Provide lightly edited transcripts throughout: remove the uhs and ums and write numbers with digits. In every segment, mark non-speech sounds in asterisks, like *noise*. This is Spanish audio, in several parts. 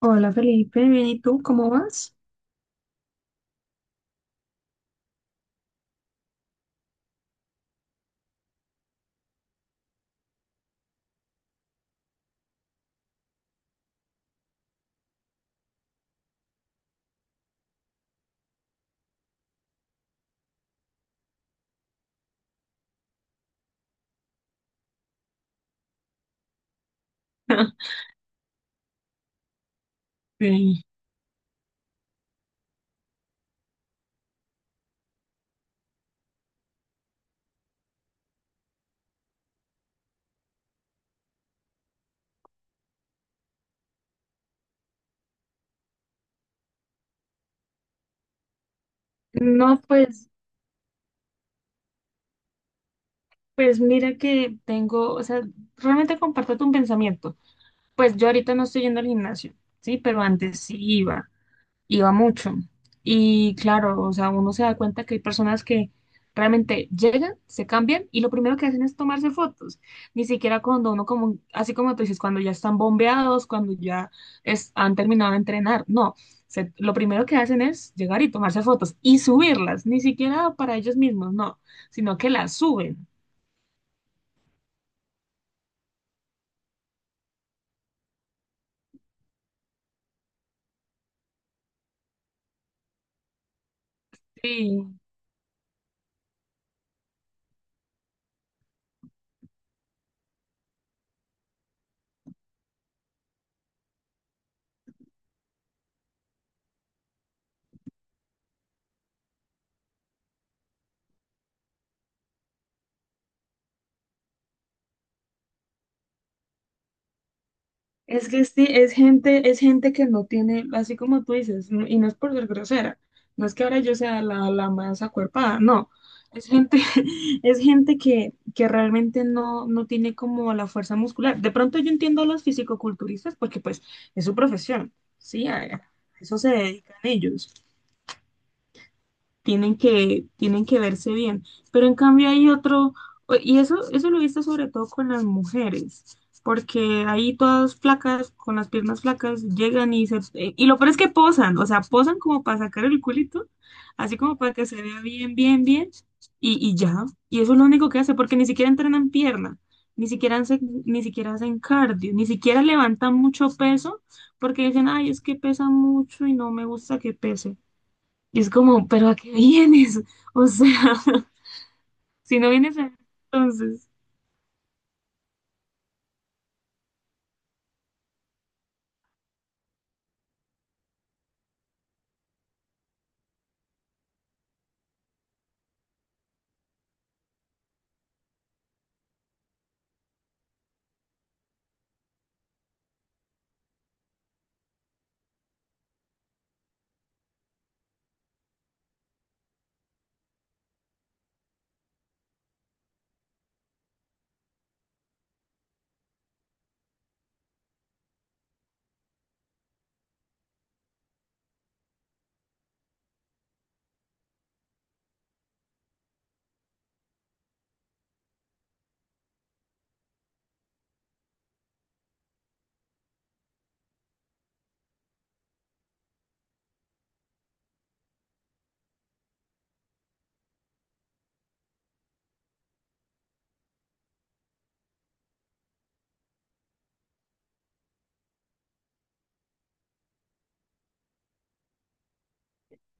Hola Felipe, bien, ¿y tú cómo vas? *laughs* Sí. No, pues, pues mira que tengo, o sea, realmente comparto tu pensamiento. Pues yo ahorita no estoy yendo al gimnasio, sí, pero antes sí iba. Iba mucho. Y claro, o sea, uno se da cuenta que hay personas que realmente llegan, se cambian y lo primero que hacen es tomarse fotos. Ni siquiera cuando uno como, así como tú dices, cuando ya están bombeados, cuando ya es, han terminado de entrenar. No, lo primero que hacen es llegar y tomarse fotos y subirlas, ni siquiera para ellos mismos, no, sino que las suben. Sí. Es que sí, es gente que no tiene, así como tú dices, y no es por ser grosera, no es que ahora yo sea la, la más acuerpada, no, es gente, *laughs* es gente que realmente no, no tiene como la fuerza muscular. De pronto yo entiendo a los fisicoculturistas porque pues es su profesión, sí, a eso se dedican ellos, tienen que verse bien. Pero en cambio hay otro, y eso lo he visto sobre todo con las mujeres, porque ahí todas flacas, con las piernas flacas, llegan y se, y lo peor es que posan, o sea, posan como para sacar el culito, así como para que se vea bien, bien, bien, y ya. Y eso es lo único que hace, porque ni siquiera entrenan pierna. Ni siquiera hacen, ni siquiera hacen cardio, ni siquiera levantan mucho peso, porque dicen, ay, es que pesa mucho y no me gusta que pese. Y es como, ¿pero a qué vienes? *laughs* O sea, *laughs* si no entonces,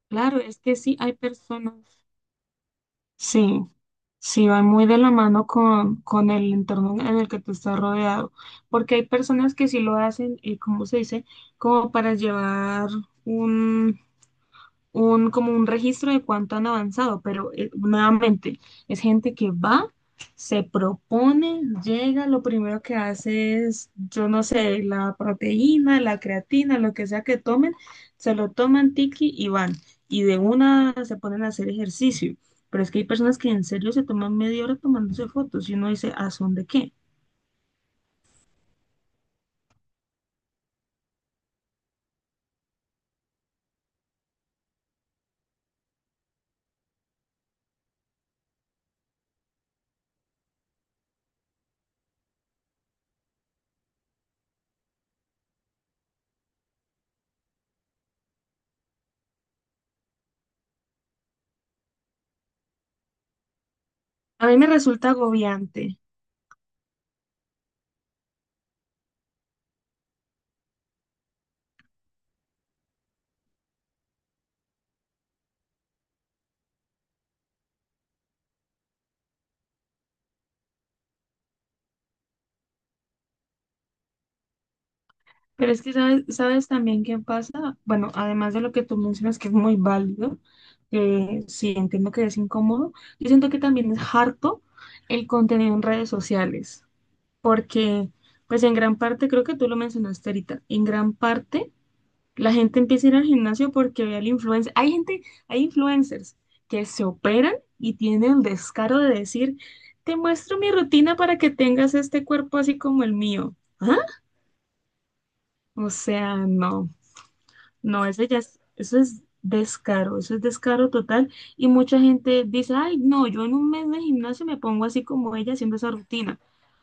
claro, es que sí hay personas, sí, sí, va muy de la mano con el entorno en el que tú estás rodeado, porque hay personas que sí lo hacen, ¿cómo se dice? Como para llevar un, un, como un registro de cuánto han avanzado, pero nuevamente es gente que va, se propone, llega, lo primero que hace es, yo no sé, la proteína, la creatina, lo que sea que tomen, se lo toman tiki y van, y de una se ponen a hacer ejercicio. Pero es que hay personas que en serio se toman media hora tomándose fotos y uno dice, ¿a son de qué? A mí me resulta agobiante. Pero es que sabes, sabes también qué pasa. Bueno, además de lo que tú mencionas, que es muy válido, sí entiendo que es incómodo, yo siento que también es harto el contenido en redes sociales, porque pues en gran parte, creo que tú lo mencionaste ahorita, en gran parte la gente empieza a ir al gimnasio porque ve al influencer. Hay gente, hay influencers que se operan y tienen el descaro de decir, te muestro mi rutina para que tengas este cuerpo así como el mío. ¿Ah? O sea, no. No, eso ya es, eso es descaro total. Y mucha gente dice, ay, no, yo en un mes de gimnasio me pongo así como ella haciendo esa rutina.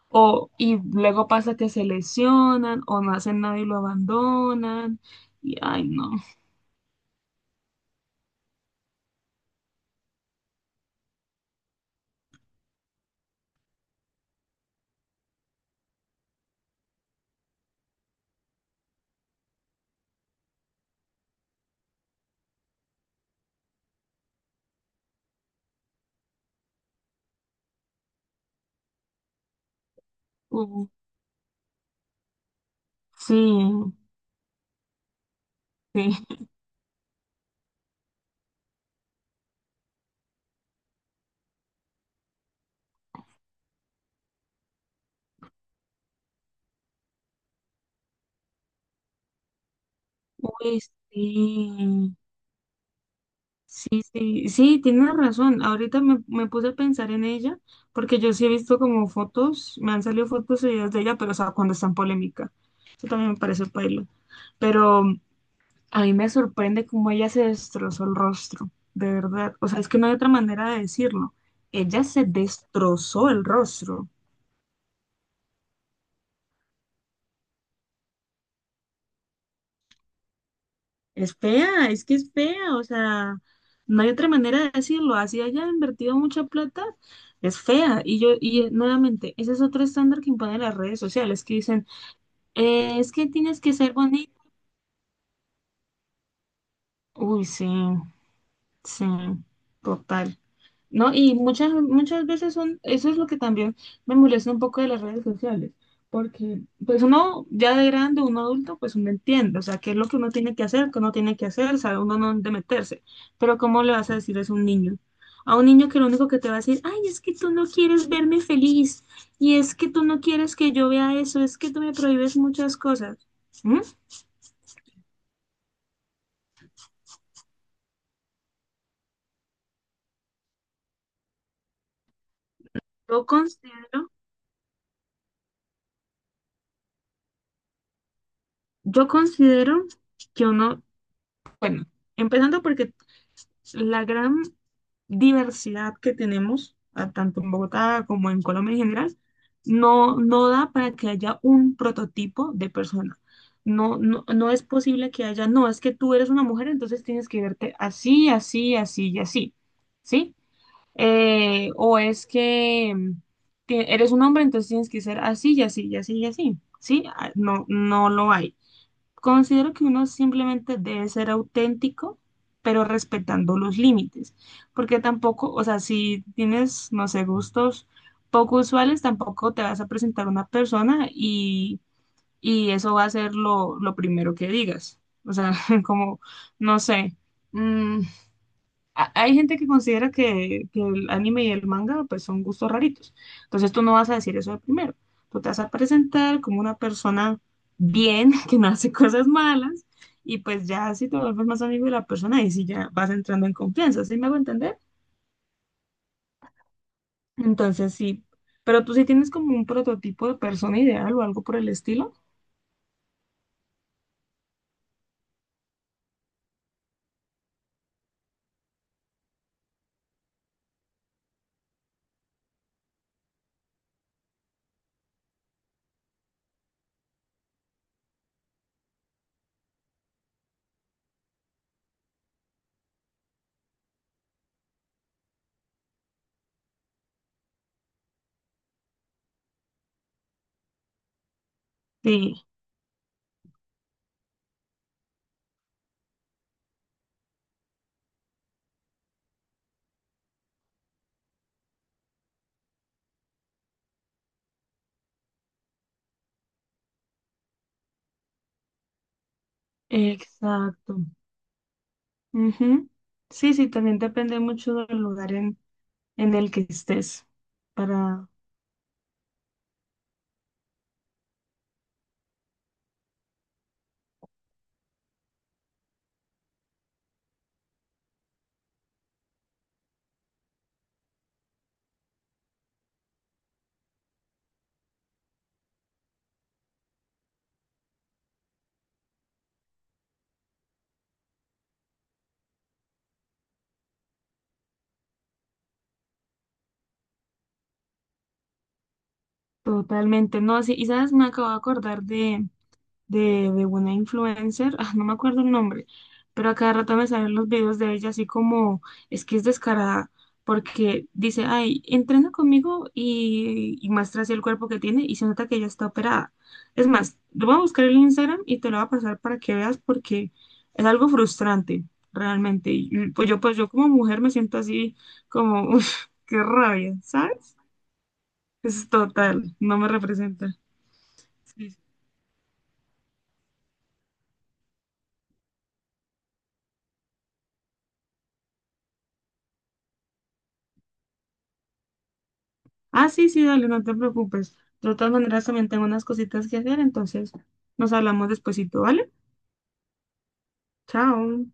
O, y luego pasa que se lesionan o no hacen nada y lo abandonan. Y, ay, no. Uh, sí, sí. Uy, sí. Sí, sí, sí, tienes razón. Ahorita me, me puse a pensar en ella, porque yo sí he visto como fotos, me han salido fotos y videos de ella, pero o sea, cuando está en polémica. Eso también me parece paila. Pero mm, a mí me sorprende cómo ella se destrozó el rostro, de verdad. O sea, es que no hay otra manera de decirlo. Ella se destrozó el rostro. Es fea, es que es fea, o sea, no hay otra manera de decirlo. Así haya invertido mucha plata, es fea. Y yo, y nuevamente, ese es otro estándar que imponen las redes sociales, que dicen, es que tienes que ser bonito. Uy, sí. Sí, total. ¿No? Y muchas, muchas veces son, eso es lo que también me molesta un poco de las redes sociales, porque pues uno ya de grande, uno adulto, pues uno entiende, o sea, qué es lo que uno tiene que hacer, qué uno tiene que hacer, sabe uno no dónde meterse, pero ¿cómo le vas a decir eso a un niño? A un niño que lo único que te va a decir, ay, es que tú no quieres verme feliz, y es que tú no quieres que yo vea eso, es que tú me prohíbes muchas cosas. ¿Mm? Yo considero, yo considero que uno Bueno, empezando porque la gran diversidad que tenemos, tanto en Bogotá como en Colombia en general, no, no da para que haya un prototipo de persona. No, no, no es posible que haya, no, es que tú eres una mujer, entonces tienes que verte así, así, así y así, ¿sí? O es que mm, que eres un hombre, entonces tienes que ser así y así y así y así, ¿sí? Ah, no, no lo hay. Considero que uno simplemente debe ser auténtico, pero respetando los límites, porque tampoco, o sea, si tienes, no sé, gustos poco usuales, tampoco te vas a presentar a una persona y eso va a ser lo primero que digas. O sea, *laughs* como, no sé, mm, hay gente que considera que el anime y el manga pues son gustos raritos. Entonces tú no vas a decir eso de primero. Tú te vas a presentar como una persona bien, *laughs* que no hace cosas malas, y pues ya si te vuelves más amigo de la persona, y si ya vas entrando en confianza, ¿sí me hago entender? Entonces sí, pero tú sí tienes como un prototipo de persona ideal o algo por el estilo. Sí, exacto. Ujú. Sí, sí, también depende mucho del lugar en el que estés para totalmente, no, sí, y sabes, me acabo de acordar de una influencer, *laughs* ah, no me acuerdo el nombre, pero a cada rato me salen los videos de ella así como, es que es descarada, porque dice, ay, entrena conmigo y muestra así el cuerpo que tiene y se nota que ella está operada. Es más, lo voy a buscar en Instagram y te lo voy a pasar para que veas porque es algo frustrante, realmente. Y pues yo como mujer me siento así como, *laughs* uff, qué rabia, ¿sabes? Es total, no me representa. Sí, sí. Ah, sí, sí, dale, no te preocupes. De todas maneras, también tengo unas cositas que hacer, entonces nos hablamos despuesito, ¿vale? Chao.